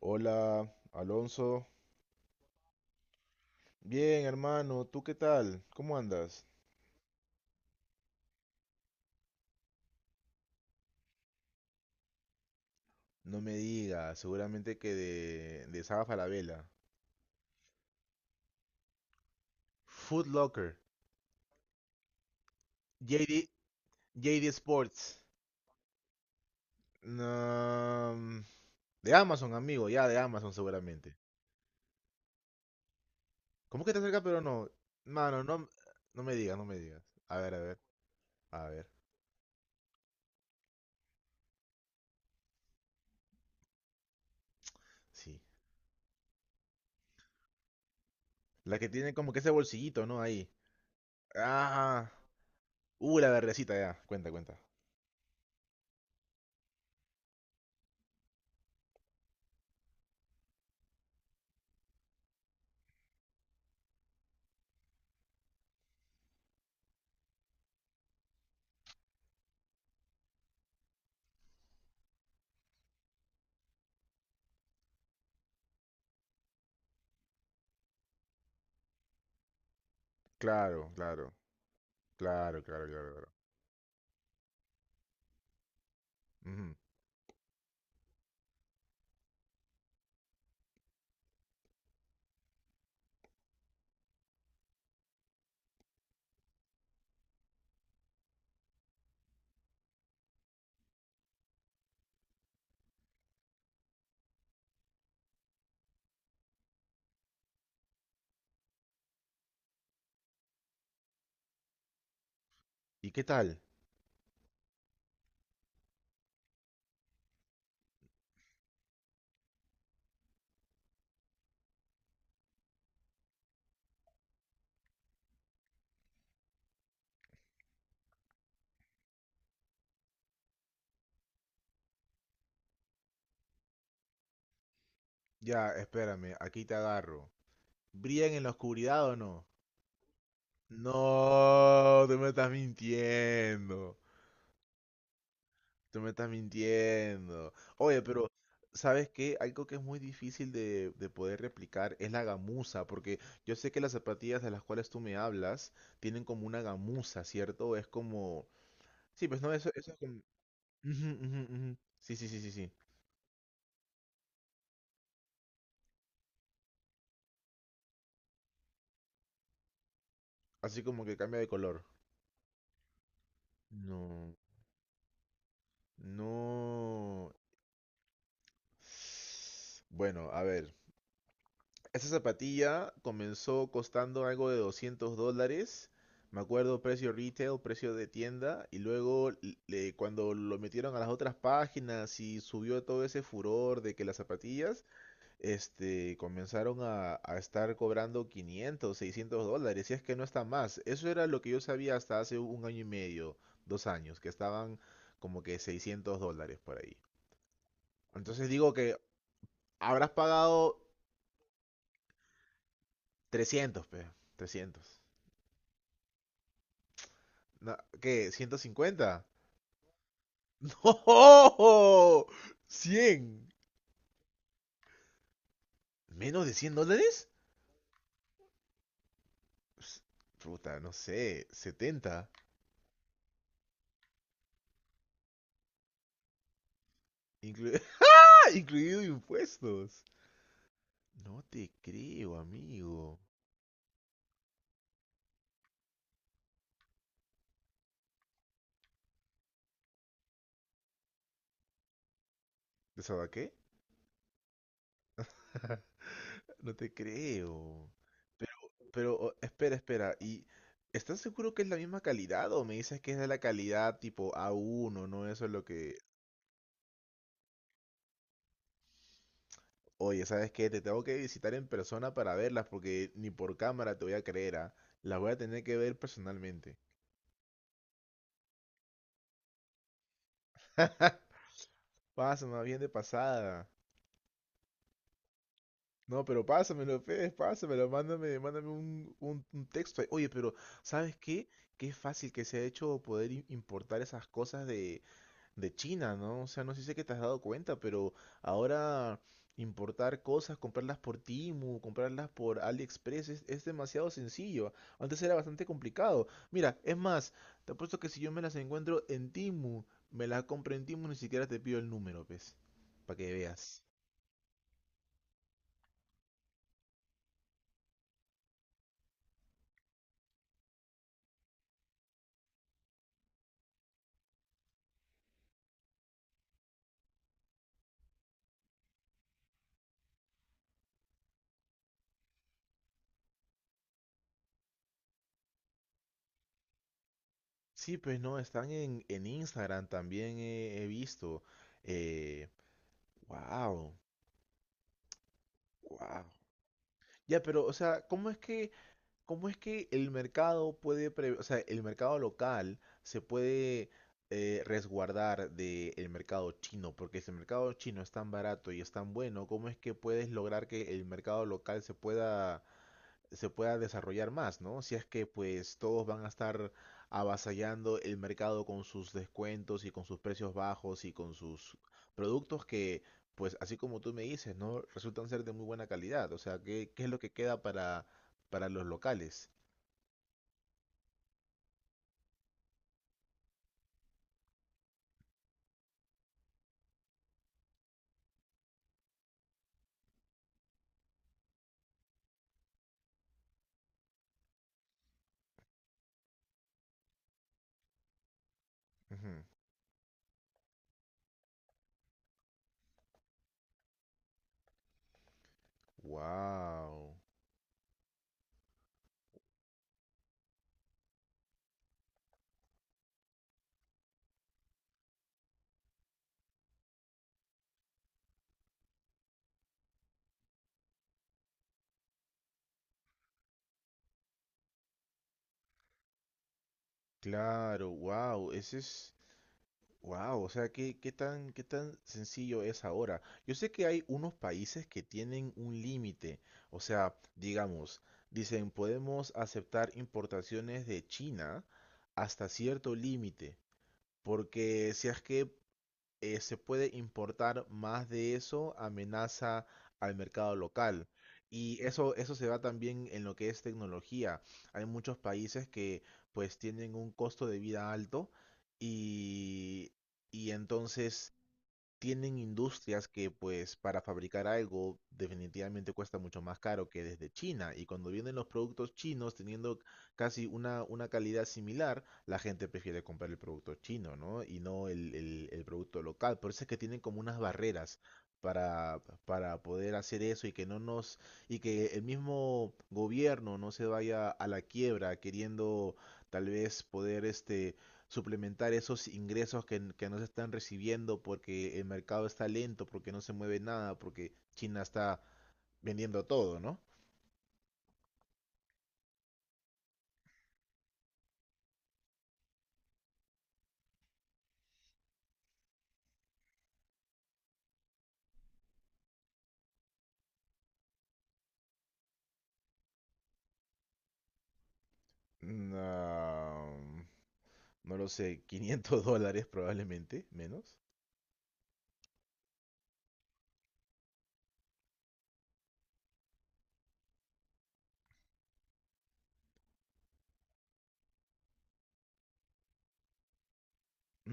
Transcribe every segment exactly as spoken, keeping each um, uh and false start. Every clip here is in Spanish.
Hola, Alonso. Bien, hermano, ¿tú qué tal? ¿Cómo andas? No me digas, seguramente que de, de Saga Falabella. Foot Locker. JD, J D Sports. No, mm, de Amazon, amigo, ya de Amazon seguramente. ¿Cómo que te acerca pero no? Mano, no, no me digas, no me digas. A ver, a ver, a ver, sí. La que tiene como que ese bolsillito, ¿no? Ahí. Ah, uh, la verdecita ya. Cuenta, cuenta. Claro, claro, claro, claro, claro, claro. Ujú. ¿Y qué tal? Ya, espérame, aquí te agarro. ¿Brillan en la oscuridad o no? No, tú me estás mintiendo. Tú me estás mintiendo. Oye, pero ¿sabes qué? Algo que es muy difícil de, de poder replicar es la gamuza, porque yo sé que las zapatillas de las cuales tú me hablas tienen como una gamuza, ¿cierto? Es como... Sí, pues no, eso, eso es como... Ujú, ujú, ujú. Sí, sí, sí, sí, sí. Así como que cambia de color. No, no. Bueno, a ver. Esta zapatilla comenzó costando algo de doscientos dólares. Me acuerdo precio retail, precio de tienda. Y luego l- le- cuando lo metieron a las otras páginas y subió todo ese furor de que las zapatillas, este, comenzaron a, a estar cobrando quinientos, seiscientos dólares. Y es que no está más. Eso era lo que yo sabía hasta hace un año y medio, dos años, que estaban como que seiscientos dólares por ahí. Entonces digo que habrás pagado Trescientos, pe. Trescientos. No, ¿qué? ¿Ciento cincuenta? ¡No! Cien. ¿Menos de cien dólares? Ps, puta, no sé. Setenta. Inclu- ¡Ah! Incluido impuestos. No te creo, amigo. ¿De sabes qué? No te creo. Pero, pero, o- espera, espera. ¿Y estás seguro que es la misma calidad o me dices que es de la calidad tipo A uno, no? Eso es lo que, Oye, ¿sabes qué? Te tengo que visitar en persona para verlas porque ni por cámara te voy a creer, ¿ah? Las voy a tener que ver personalmente. Pásame bien de pasada. No, pero pásamelo, Fede, pásamelo, mándame, mándame un, un- un texto ahí. Oye, pero ¿sabes qué? Qué fácil que se ha hecho poder im- importar esas cosas de, de China, ¿no? O sea, no sé si sé que te has dado cuenta, pero ahora importar cosas, comprarlas por Temu, comprarlas por AliExpress es, es demasiado sencillo. Antes era bastante complicado. Mira, es más, te apuesto que si yo me las encuentro en Temu, me las compro en Temu, ni siquiera te pido el número, pues, para que veas. Sí, pues no, están en, en Instagram también he, he visto. Eh, wow, wow. Ya, pero, o sea, ¿cómo es que ¿Cómo es que el mercado puede, pre- o sea, el mercado local se puede eh, resguardar del mercado chino? Porque si el mercado chino es tan barato y es tan bueno, ¿cómo es que puedes lograr que el mercado local se pueda, se pueda desarrollar más, ¿no? Si es que pues todos van a estar avasallando el mercado con sus descuentos y con sus precios bajos y con sus productos que, pues así como tú me dices, ¿no? Resultan ser de muy buena calidad. O sea, ¿qué, qué es lo que queda para para los locales? Wow. Claro, wow. Ese es. Wow. O sea, ¿qué, qué tan, qué tan sencillo es ahora? Yo sé que hay unos países que tienen un límite. O sea, digamos, dicen, podemos aceptar importaciones de China hasta cierto límite. Porque si es que eh, se puede importar más de eso, amenaza al mercado local. Y eso, eso se da también en lo que es tecnología. Hay muchos países que pues tienen un costo de vida alto y, y entonces tienen industrias que pues para fabricar algo definitivamente cuesta mucho más caro que desde China y cuando vienen los productos chinos teniendo casi una, una calidad similar, la gente prefiere comprar el producto chino, ¿no? Y no el, el- el producto local. Por eso es que tienen como unas barreras para, para poder hacer eso y que no nos, y que el mismo gobierno no se vaya a la quiebra queriendo tal vez poder este suplementar esos ingresos que, que no se están recibiendo porque el mercado está lento, porque no se mueve nada, porque China está vendiendo todo, ¿no? No, no lo sé, quinientos dólares probablemente, menos.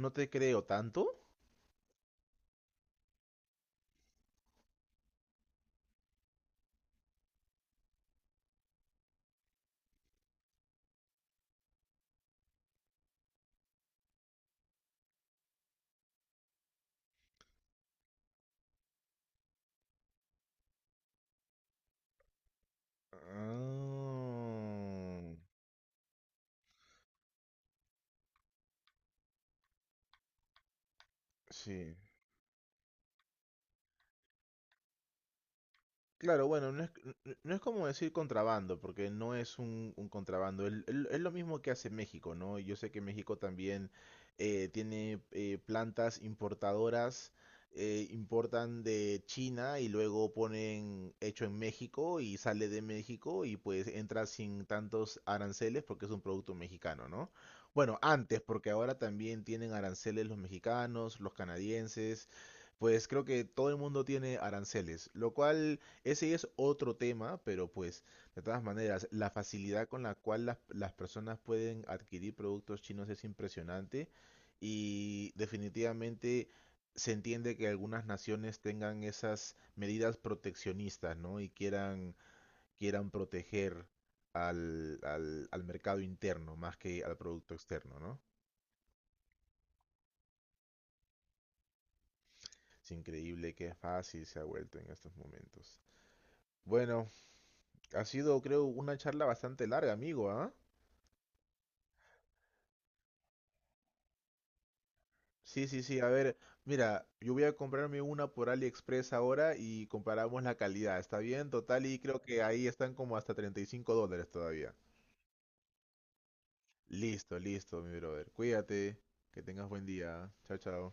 No te creo tanto. Ah, sí. Claro, bueno, no es, n- no es como decir contrabando, porque no es un, un contrabando. el- el- Es lo mismo que hace México, ¿no? Yo sé que México también eh, tiene eh, plantas importadoras, eh, importan de China y luego ponen hecho en México y sale de México y pues entra sin tantos aranceles porque es un producto mexicano, ¿no? Bueno, antes, porque ahora también tienen aranceles los mexicanos, los canadienses. Pues creo que todo el mundo tiene aranceles, lo cual ese es otro tema, pero pues de todas maneras, la facilidad con la cual las, las personas pueden adquirir productos chinos es impresionante y definitivamente se entiende que algunas naciones tengan esas medidas proteccionistas, ¿no? Y quieran, quieran proteger al, al, al mercado interno más que al producto externo, ¿no? Es increíble qué fácil se ha vuelto en estos momentos. Bueno, ha sido creo una charla bastante larga, amigo, ¿ah? Sí, sí, sí. A ver, mira, yo voy a comprarme una por AliExpress ahora y comparamos la calidad. ¿Está bien? Total, y creo que ahí están como hasta treinta y cinco dólares todavía. Listo, listo, mi brother. Cuídate, que tengas buen día. Chao, chao.